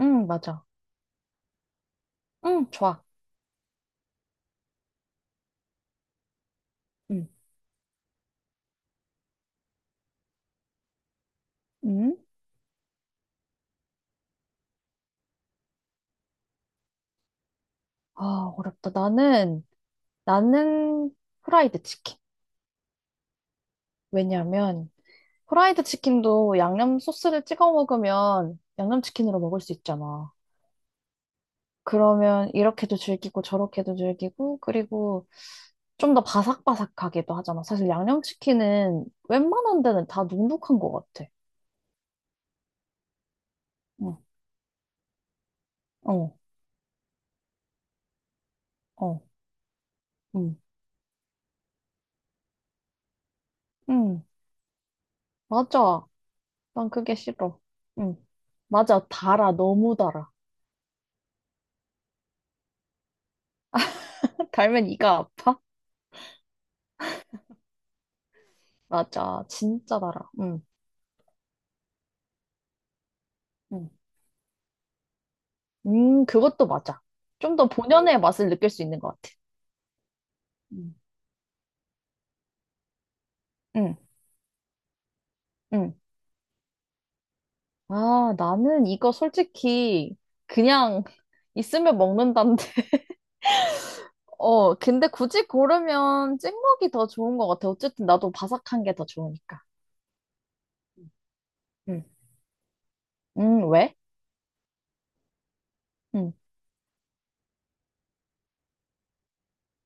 응, 맞아. 응, 좋아. 응. 응. 아, 어렵다. 나는 후라이드 치킨. 왜냐면, 후라이드 치킨도 양념 소스를 찍어 먹으면 양념 치킨으로 먹을 수 있잖아. 그러면 이렇게도 즐기고 저렇게도 즐기고, 그리고 좀 더 바삭바삭하기도 하잖아. 사실 양념 치킨은 웬만한 데는 다 눅눅한 것 같아. 응. 어. 어. 응. 응. 맞아. 난 그게 싫어. 응, 맞아. 달아. 너무 달아. 달면 이가 아파? 맞아. 진짜 달아. 응. 응. 그것도 맞아. 좀 더 본연의 맛을 느낄 수 있는 것 같아. 응. 응. 응. 아, 나는 이거 솔직히 그냥 있으면 먹는다는데. 어, 근데 굳이 고르면 찍먹이 더 좋은 것 같아. 어쨌든 나도 바삭한 게 더 좋으니까. 응. 응, 왜? 응.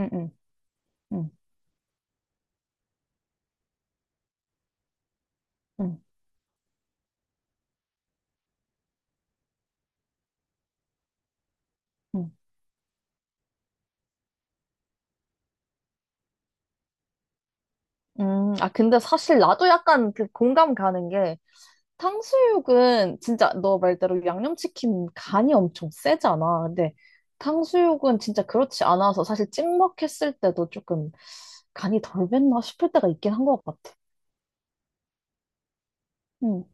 응. 응. 응. 응. 응. 아, 근데 사실 나도 약간 그 공감 가는 게, 탕수육은 진짜 너 말대로 양념치킨 간이 엄청 세잖아. 근데 탕수육은 진짜 그렇지 않아서 사실 찍먹했을 때도 조금 간이 덜 뱄나 싶을 때가 있긴 한 것 같아. 응.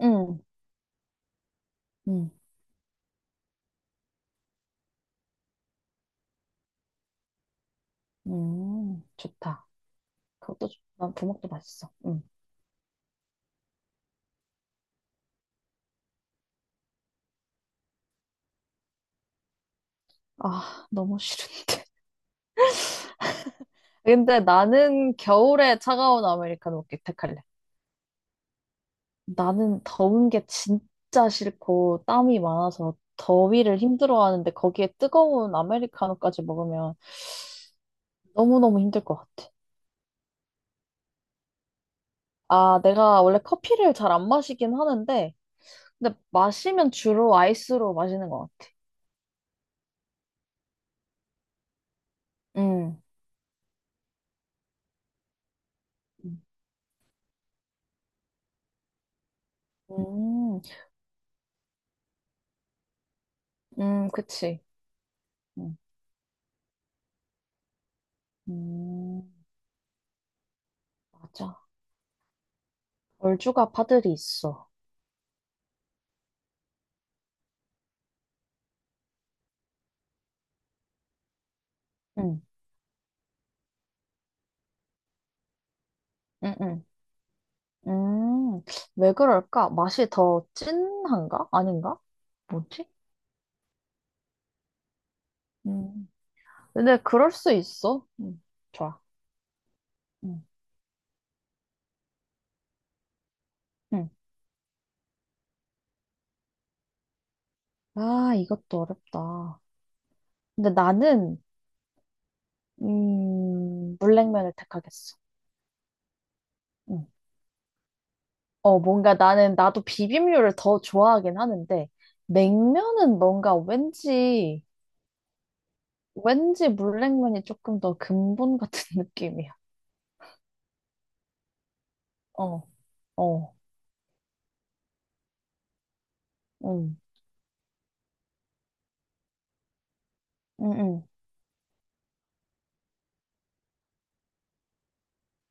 응. 응. 응. 좋다. 그것도 좋다. 부먹도 맛있어. 응. 아, 너무 싫은데. 근데 나는 겨울에 차가운 아메리카노 택할래. 나는 더운 게 진짜 싫고 땀이 많아서 더위를 힘들어하는데 거기에 뜨거운 아메리카노까지 먹으면 너무너무 힘들 것 같아. 아, 내가 원래 커피를 잘 안 마시긴 하는데, 근데 마시면 주로 아이스로 마시는 것 같아. 음. 음, 음, 그치. 음. 음, 맞아. 얼죽아 파들이 있어. 음. 음. 음. 음, 왜 그럴까? 맛이 더 진한가? 아닌가? 뭐지? 음. 근데 그럴 수 있어. 음. 좋아. 음, 음. 아, 이것도 어렵다. 근데 나는, 물냉면을 택하겠어. 음. 어, 뭔가 나도 비빔류를 더 좋아하긴 하는데, 냉면은 뭔가 왠지, 물냉면이 조금 더 근본 같은 느낌이야. 어. 어. 음. 음. 음.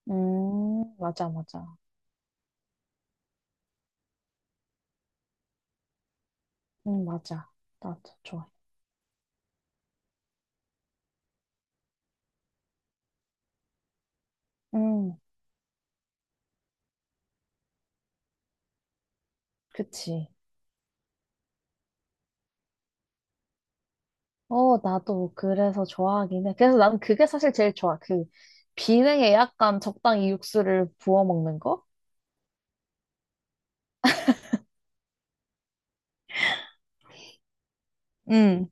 맞아, 맞아. 맞아. 나도 좋아해. 음, 그치. 어, 나도 그래서 좋아하긴 해. 그래서 난 그게 사실 제일 좋아. 그 비냉에 약간 적당히 육수를 부어 먹는 거? 응.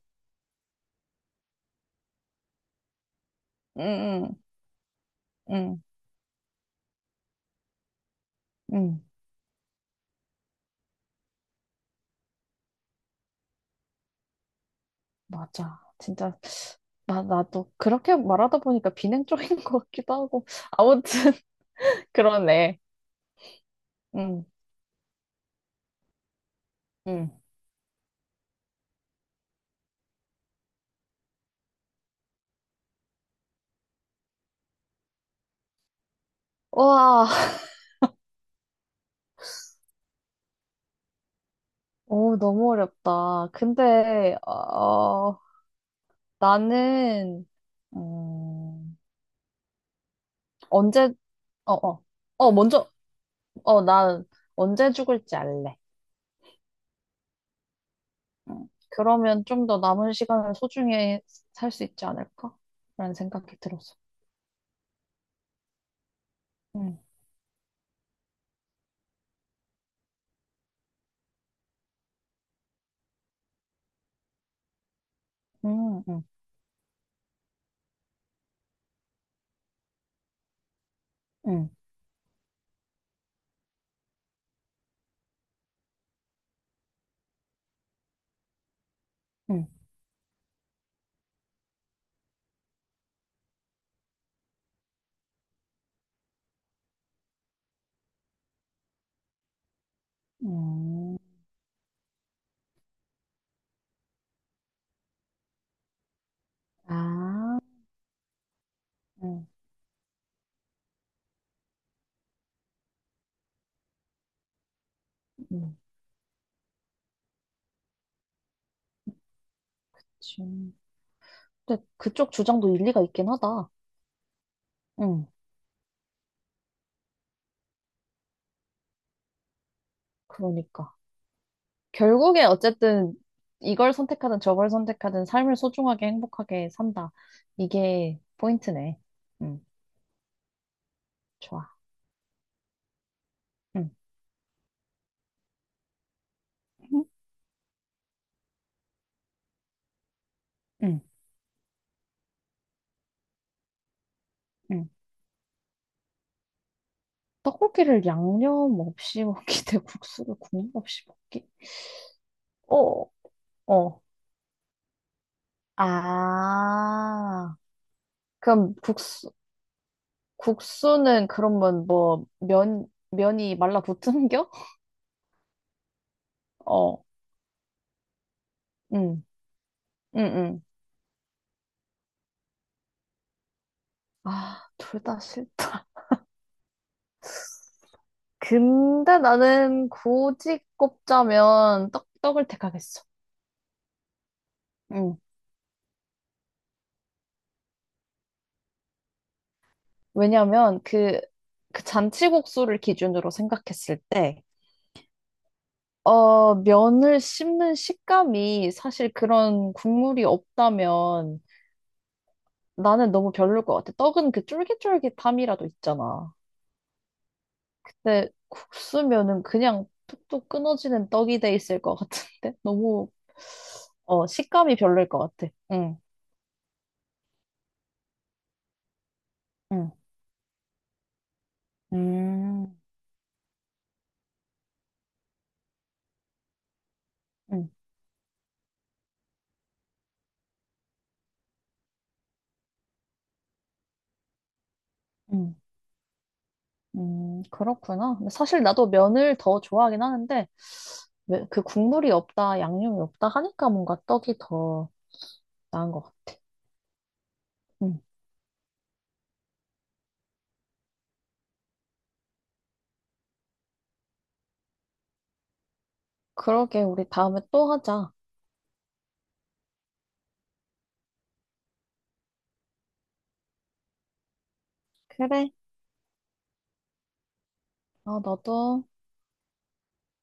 응. 응. 응. 응, 맞아. 진짜 나 나도 그렇게 말하다 보니까 비냉 쪽인 것 같기도 하고 아무튼 그러네. 응. 응. 와. 오, 너무 어렵다. 근데 나는 음 언제, 어어, 어, 어. 어, 먼저. 어, 나 언제 죽을지 알래. 응. 그러면 좀 더 남은 시간을 소중히 살 수 있지 않을까? 라는 생각이 들었어. 응. 응. 응. 응. 응. 음. 아. 응. 응. 지금. 근데 그쪽 주장도 일리가 있긴 하다. 응, 그러니까. 결국에 어쨌든 이걸 선택하든 저걸 선택하든 삶을 소중하게 행복하게 산다. 이게 포인트네. 응, 좋아. 응. 응. 응. 응. 떡고기를 양념 없이 먹기 대 국수를 국물 없이 먹기? 어. 어. 아, 그럼 국수는 그러면 뭐, 면이 말라붙은겨? 어. 응. 응. 응. 아, 둘 다 싫다. 근데 나는 굳이 꼽자면 떡을 택하겠어. 응. 왜냐면 그, 그 잔치국수를 기준으로 생각했을 때, 어, 면을 씹는 식감이 사실 그런 국물이 없다면 나는 너무 별로일 것 같아. 떡은 그 쫄깃쫄깃함이라도 있잖아. 근데 국수면은 그냥 툭툭 끊어지는 떡이 돼 있을 것 같은데? 너무, 어, 식감이 별로일 것 같아. 응. 응. 음. 응. 응. 그렇구나. 근데 사실 나도 면을 더 좋아하긴 하는데, 그 국물이 없다, 양념이 없다 하니까 뭔가 떡이 더 나은 것 같아. 응. 그러게, 우리 다음에 또 하자. 그래. 아, 너도.